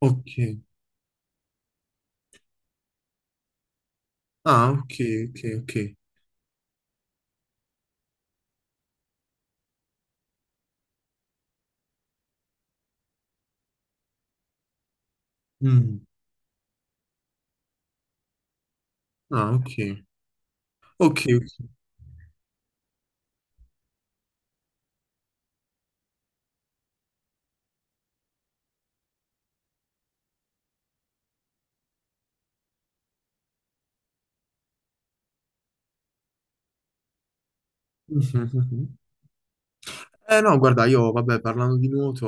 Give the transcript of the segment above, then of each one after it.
Ok. Ah, ok, ok, ok. Mm. Ah, ok. Ok, ok. Mhm, mhm. Eh no, guarda, io vabbè, parlando di nuoto,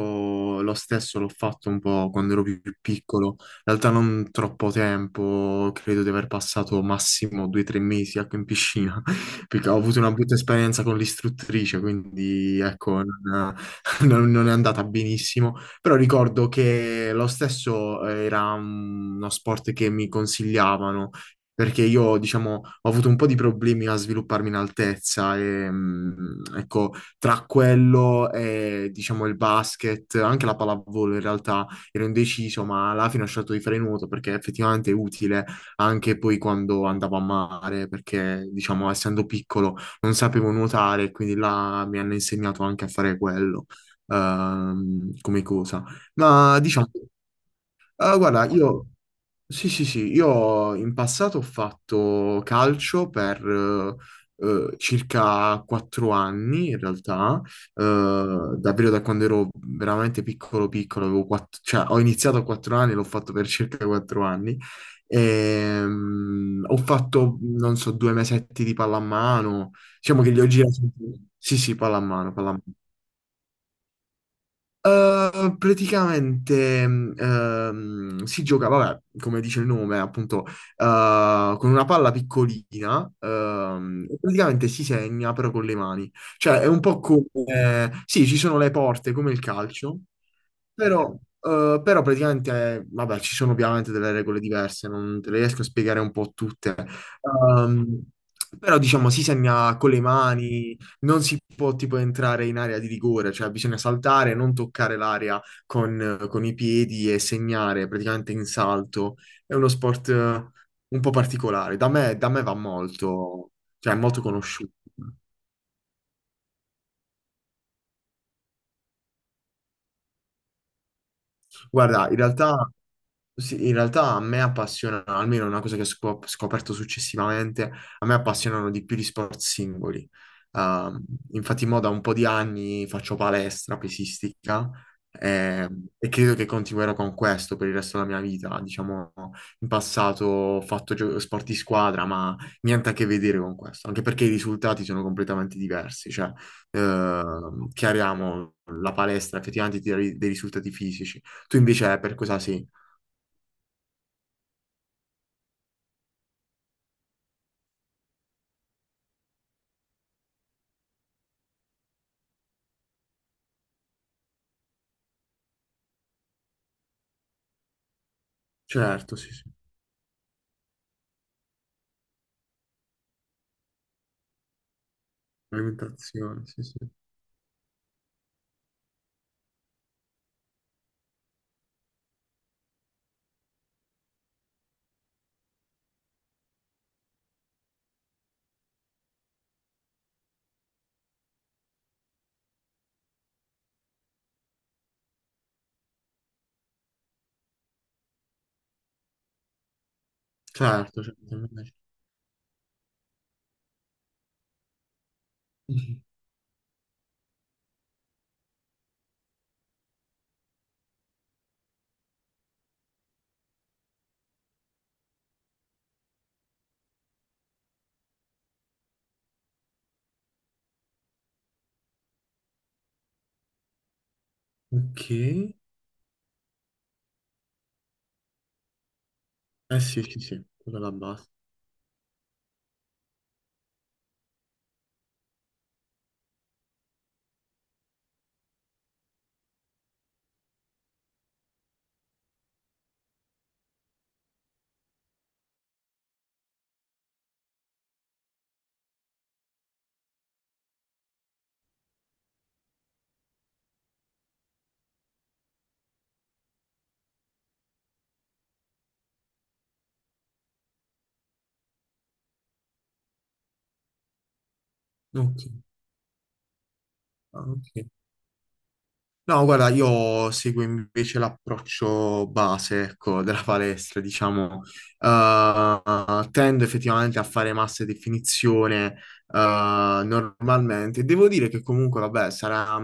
lo stesso l'ho fatto un po' quando ero più piccolo, in realtà non troppo tempo, credo di aver passato massimo due o tre mesi ecco, in piscina, perché ho avuto una brutta esperienza con l'istruttrice, quindi ecco, non, non è andata benissimo, però ricordo che lo stesso era uno sport che mi consigliavano, perché io, diciamo, ho avuto un po' di problemi a svilupparmi in altezza e, ecco, tra quello e, diciamo, il basket, anche la pallavolo in realtà ero indeciso, ma alla fine ho scelto di fare nuoto perché effettivamente è utile anche poi quando andavo a mare, perché, diciamo, essendo piccolo non sapevo nuotare, quindi là mi hanno insegnato anche a fare quello, come cosa. Ma, diciamo, guarda, io... Sì, sì, sì, io in passato ho fatto calcio per circa quattro anni in realtà. Davvero da quando ero veramente piccolo piccolo, avevo cioè, ho iniziato a quattro anni, l'ho fatto per circa quattro anni. Ho fatto, non so, due mesetti di pallamano, diciamo che li ho girati, sì, sì, pallamano, pallamano. Praticamente si gioca, vabbè, come dice il nome, appunto, con una palla piccolina, e praticamente si segna però con le mani. Cioè, è un po' come... sì, ci sono le porte, come il calcio, però, però praticamente, vabbè, ci sono ovviamente delle regole diverse, non te le riesco a spiegare un po' tutte. Però, diciamo, si segna con le mani, non si può tipo entrare in area di rigore, cioè bisogna saltare, non toccare l'area con i piedi e segnare praticamente in salto. È uno sport un po' particolare. Da me va molto, cioè è molto conosciuto. Guarda, in realtà sì, in realtà a me appassiona, almeno è una cosa che ho scoperto successivamente, a me appassionano di più gli sport singoli. Ehm, infatti, mo da un po' di anni faccio palestra pesistica eh, e credo che continuerò con questo per il resto della mia vita. Diciamo, in passato ho fatto sport di squadra, ma niente a che vedere con questo, anche perché i risultati sono completamente diversi. Cioè, chiariamo, la palestra effettivamente ti dà dei risultati fisici. Tu invece per cosa sei? Certo, sì, sì, alimentazione, sì, sì. Certo, certo, immagino. Mhm. Ok. Eh sì, sì, sì, quella è la base. Ok, ah, ok. No, guarda, io seguo invece l'approccio base, ecco, della palestra, diciamo. Tendo effettivamente a fare massa e definizione, normalmente. Devo dire che comunque, vabbè, sarà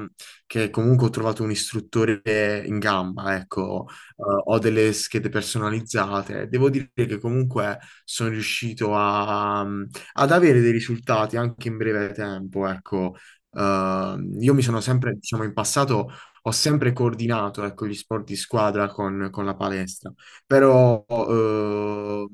che comunque ho trovato un istruttore in gamba, ecco. Ho delle schede personalizzate. Devo dire che comunque sono riuscito ad avere dei risultati anche in breve tempo, ecco. Io mi sono sempre, diciamo, in passato ho sempre coordinato, ecco, gli sport di squadra con la palestra, però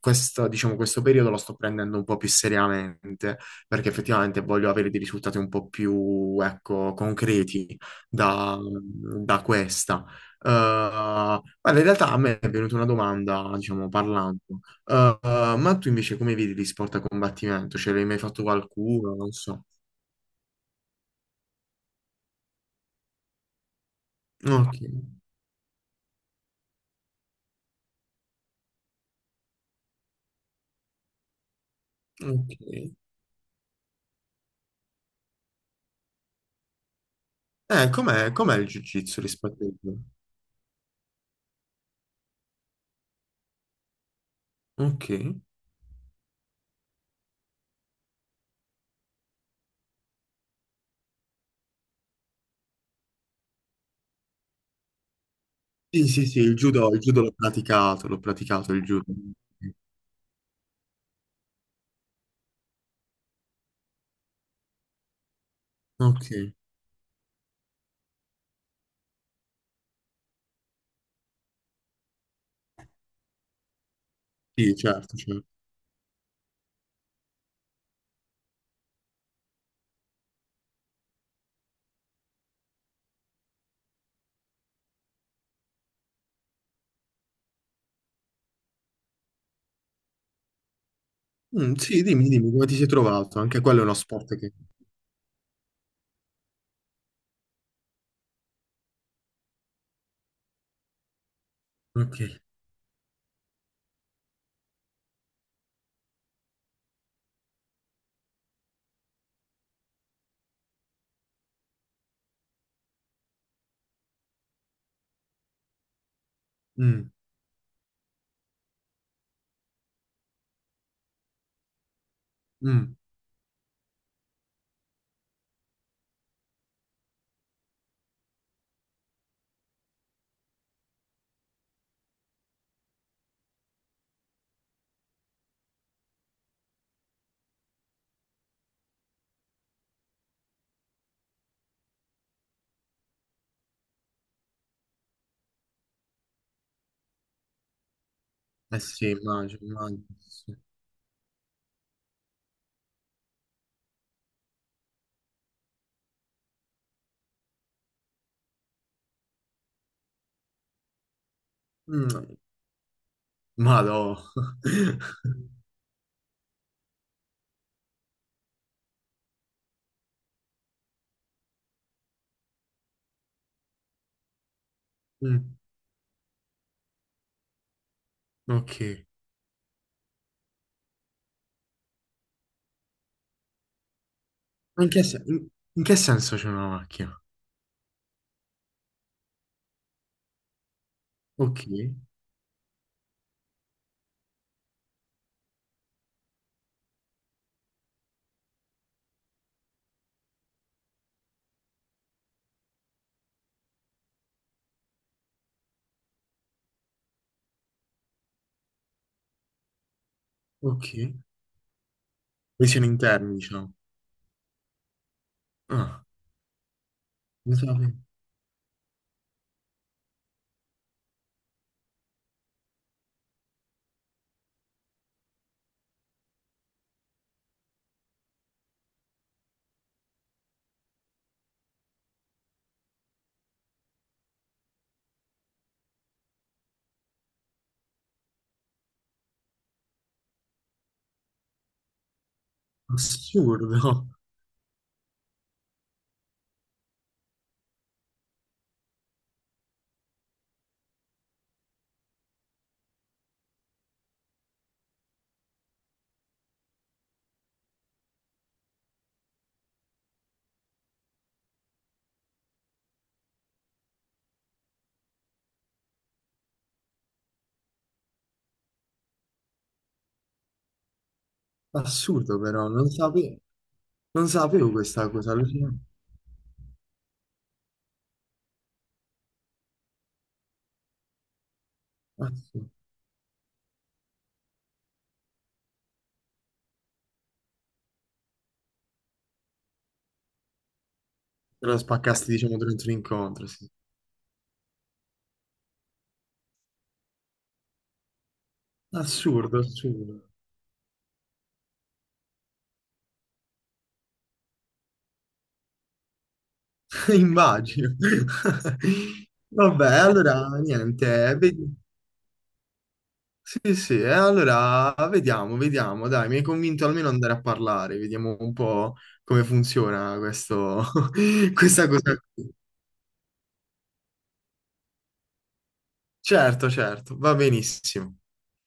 questo, diciamo, questo periodo lo sto prendendo un po' più seriamente perché effettivamente voglio avere dei risultati un po' più, ecco, concreti da, da questa. Guarda, in realtà a me è venuta una domanda, diciamo, parlando. Eh, ma tu invece come vedi gli sport a combattimento? Ce l'hai mai fatto qualcuno? Non so. Ok, ok. Com'è il jiu-jitsu rispetto al judo? Ok. Sì, sì, sì, il judo l'ho praticato il judo. Ok, sì, certo, certo. Mm, sì, dimmi, dimmi, come ti sei trovato? Anche quello è uno sport che... Ok. Mm, mm. Eh sì, immagino, immagino, sì, sì. Mm, madò. Mm, ok. Ma in che, in che senso c'è una macchina? Ok, ok. Lesioni interne, diciamo. Ah, non sapevo. Assurdo. Assurdo però, non sapevo, non sapevo questa cosa, allucinante. Assurdo. Te lo spaccasti, diciamo, durante un incontro, sì. Assurdo, assurdo. Immagino. Vabbè, allora, niente, vedi- Sì, sì, e allora vediamo, vediamo, dai, mi hai convinto almeno ad andare a parlare, vediamo un po' come funziona questo, questa cosa qui. Certo, certo, va benissimo.